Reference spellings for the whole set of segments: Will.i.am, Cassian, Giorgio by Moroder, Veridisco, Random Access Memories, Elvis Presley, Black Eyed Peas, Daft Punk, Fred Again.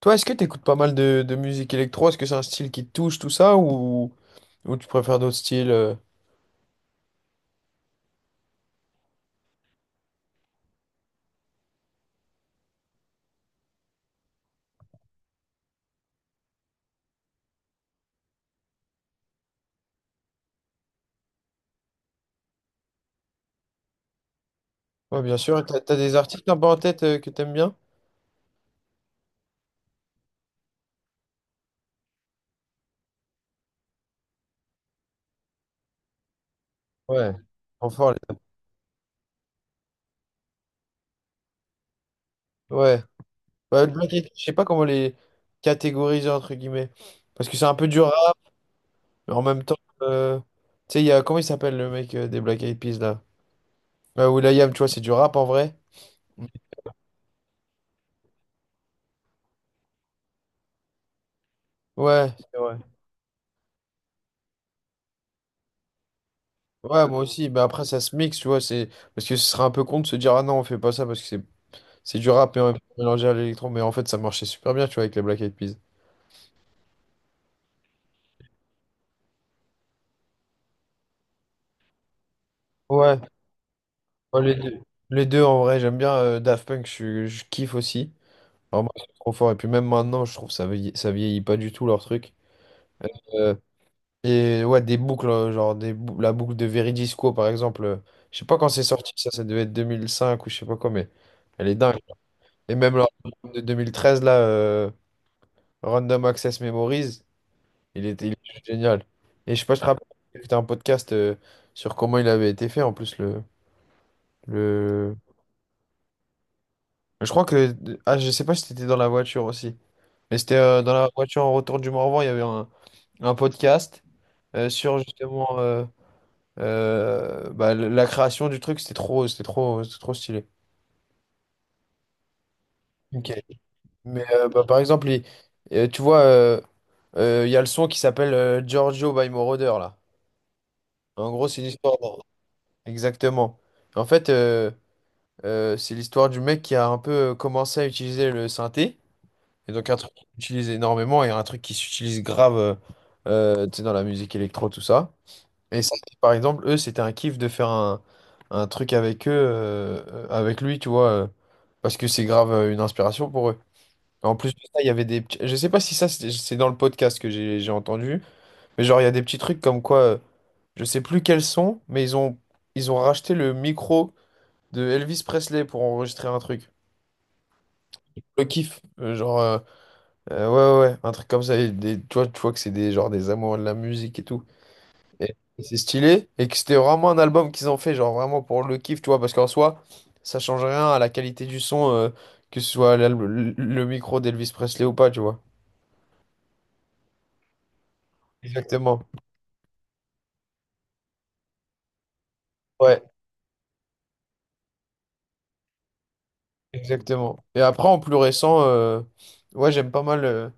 Toi, est-ce que tu écoutes pas mal de musique électro? Est-ce que c'est un style qui te touche, tout ça, ou tu préfères d'autres styles? Ouais, bien sûr. T'as des artistes un peu en tête que t'aimes bien? Ouais. Enfin, ouais. Ouais, je sais pas comment les catégoriser, entre guillemets. Parce que c'est un peu dur rap, mais en même temps, tu sais, il y a, comment il s'appelle le mec des Black Eyed Peas, là? Will.i.am, tu vois, c'est du rap en vrai. Ouais. Ouais, moi aussi. Mais après, ça se mixe, tu vois. C'est... Parce que ce serait un peu con de se dire, ah non, on fait pas ça parce que c'est du rap et en même temps mélangé à l'électro, mais en fait ça marchait super bien, tu vois, avec les Black Eyed Peas. Ouais, ouais, les deux. Les deux, en vrai, j'aime bien Daft Punk, je kiffe aussi. Vraiment, c'est trop fort. Et puis même maintenant, je trouve ça vieillit pas du tout leur truc. Euh, et ouais, des boucles, genre la boucle de Veridisco, par exemple. Je sais pas quand c'est sorti, ça devait être 2005 ou je sais pas quoi, mais elle est dingue. Et même leur album de 2013, là, Random Access Memories, il était, il est génial. Et je sais pas, je te rappelle, j'ai écouté un podcast sur comment il avait été fait en plus le... Je crois que... Ah, je sais pas si c'était dans la voiture aussi. Mais c'était dans la voiture en retour du Morvan, il y avait un podcast sur justement bah, la création du truc. C'était trop stylé. Ok. Mais bah, par exemple, tu vois, il y a le son qui s'appelle Giorgio by Moroder là. En gros, c'est une l'histoire. Exactement. En fait... c'est l'histoire du mec qui a un peu commencé à utiliser le synthé. Et donc un truc qui s'utilise énormément et un truc qui s'utilise grave tu sais, dans la musique électro, tout ça. Et ça, par exemple, eux, c'était un kiff de faire un truc avec eux, avec lui, tu vois, parce que c'est grave une inspiration pour eux. En plus de ça, il y avait des petits... Je sais pas si ça, c'est dans le podcast que j'ai entendu, mais genre, il y a des petits trucs comme quoi, je sais plus quels sont, mais ils ont racheté le micro de Elvis Presley pour enregistrer un truc. Le kiff, genre, euh, ouais, ouais, ouais, un truc comme ça. Et des, tu vois que c'est des, genre, des amoureux de la musique et tout. Et c'est stylé. Et que c'était vraiment un album qu'ils ont fait, genre, vraiment pour le kiff, tu vois, parce qu'en soi, ça change rien à la qualité du son, que ce soit le micro d'Elvis Presley ou pas, tu vois. Exactement. Ouais, exactement. Et après, en plus récent, ouais, j'aime pas mal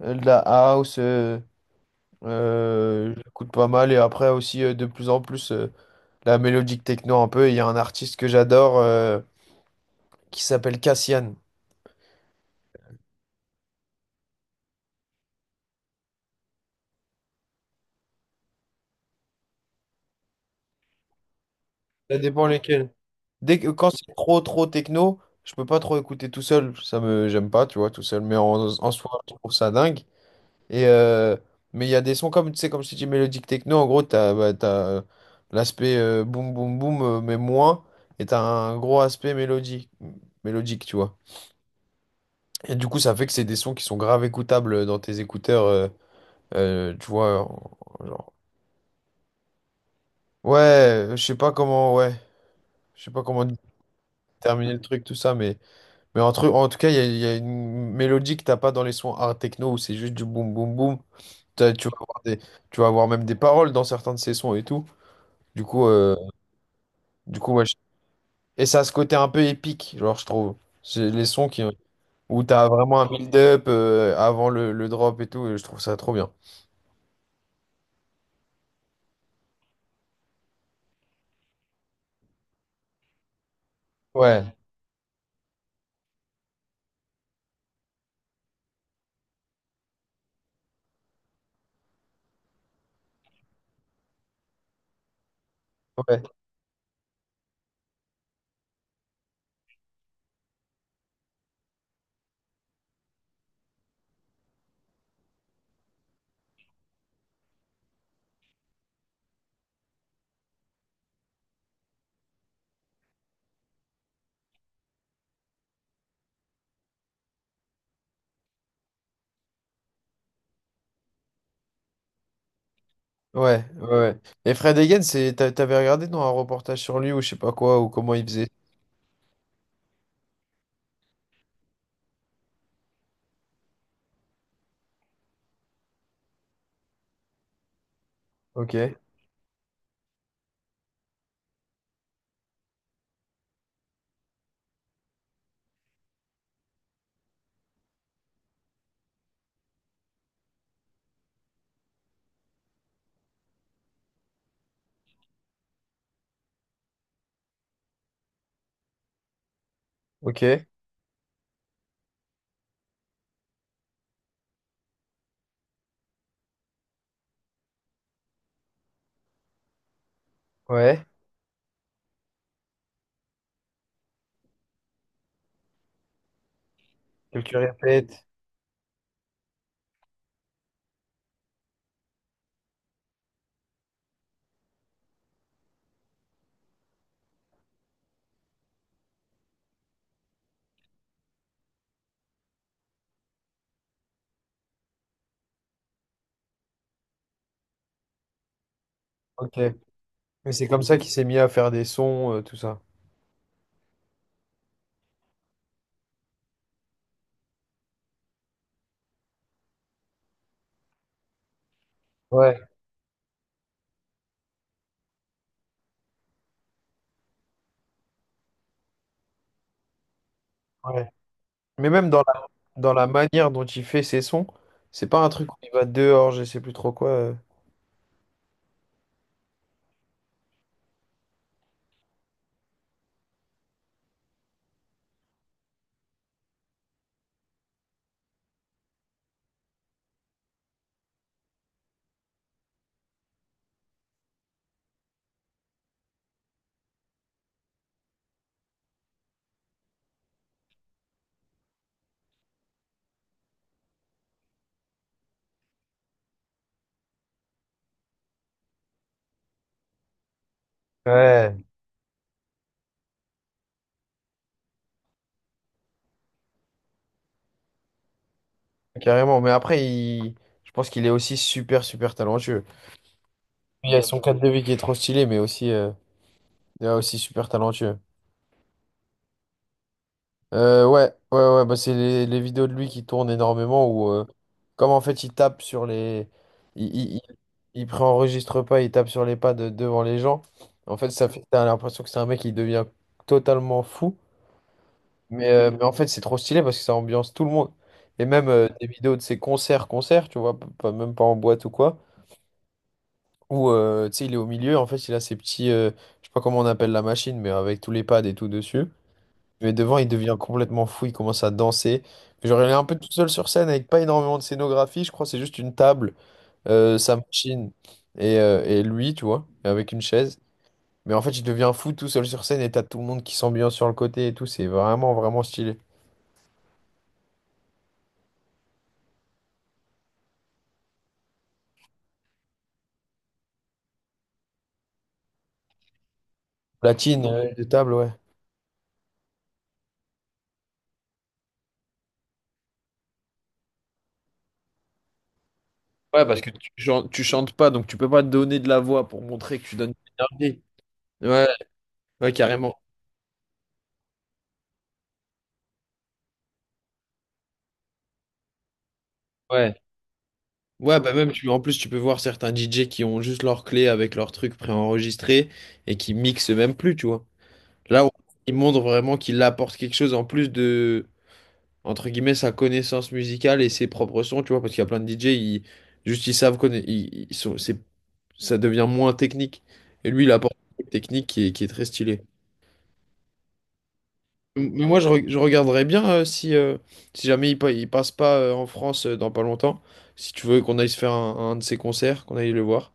de la house. J'écoute pas mal. Et après aussi, de plus en plus. La mélodique techno un peu. Et il y a un artiste que j'adore qui s'appelle Cassian. Ça dépend lesquels. Dès que, quand c'est trop techno, je peux pas trop écouter tout seul. Ça me j'aime pas, tu vois, tout seul. Mais en, en soi, je trouve ça dingue. Et mais il y a des sons comme tu sais, comme je t'ai dis mélodique techno. En gros, t'as bah, t'as l'aspect boum boum boum, mais moins. Et t'as un gros aspect mélodique, mélodique, tu vois. Et du coup, ça fait que c'est des sons qui sont grave écoutables dans tes écouteurs, tu vois, ouais, je sais pas comment, ouais, je sais pas comment terminer le truc, tout ça, mais en, en tout cas, il y a une mélodie que t'as pas dans les sons art techno où c'est juste du boum boum boum. Tu vas avoir des, tu vas avoir même des paroles dans certains de ces sons et tout. Du coup, euh, du coup, ouais, et ça a ce côté un peu épique, genre, je trouve. C'est les sons qui, où t'as vraiment un build-up avant le drop et tout, et je trouve ça trop bien. Ouais, ouais, ouais. Et Fred Again, c'est, t'avais regardé dans un reportage sur lui ou je sais pas quoi, ou comment il faisait. Ok. Ok, ouais. Que tu répètes. Ok. Mais c'est comme ça qu'il s'est mis à faire des sons, tout ça. Ouais, ouais. Mais même dans la manière dont il fait ses sons, c'est pas un truc où il va dehors, je sais plus trop quoi. Ouais. Carrément. Mais après, il... je pense qu'il est aussi super, super talentueux. Il y a son cadre de vie qui est trop stylé, mais aussi, il est aussi super talentueux. Ouais, ouais, ouais, bah c'est les vidéos de lui qui tournent énormément où, comme en fait, il tape sur les. Il, il, il, il préenregistre pas, il tape sur les pads devant les gens. En fait, ça fait. T'as l'impression que c'est un mec qui devient totalement fou. Mais en fait, c'est trop stylé parce que ça ambiance tout le monde. Et même des vidéos de ses concerts, tu vois, pas, même pas en boîte ou quoi. Où, tu sais, il est au milieu, en fait, il a ses petits. Je sais pas comment on appelle la machine, mais avec tous les pads et tout dessus. Mais devant, il devient complètement fou, il commence à danser. Genre, elle est un peu toute seule sur scène avec pas énormément de scénographie, je crois, c'est juste une table, sa machine et lui, tu vois, avec une chaise. Mais en fait, il devient fou tout seul sur scène et t'as tout le monde qui s'ambiance sur le côté et tout, c'est vraiment, vraiment stylé. Platine, de table, ouais. Ouais, parce que tu chantes pas, donc tu peux pas donner de la voix pour montrer que tu donnes de l'énergie. Ouais, ouais, carrément. Ouais. Ouais, bah même tu, en plus tu peux voir certains DJ qui ont juste leur clé avec leur truc préenregistré et qui mixent même plus, tu vois. Là, on- il montre vraiment qu'il apporte quelque chose en plus de, entre guillemets, sa connaissance musicale et ses propres sons, tu vois, parce qu'il y a plein de DJ, ils, juste ils savent connaître, ils sont, c'est, ça devient moins technique. Et lui, il apporte une technique qui est très stylée. Mais moi, je, je regarderais bien si, si jamais il, il passe pas en France dans pas longtemps, si tu veux qu'on aille se faire un de ses concerts, qu'on aille le voir.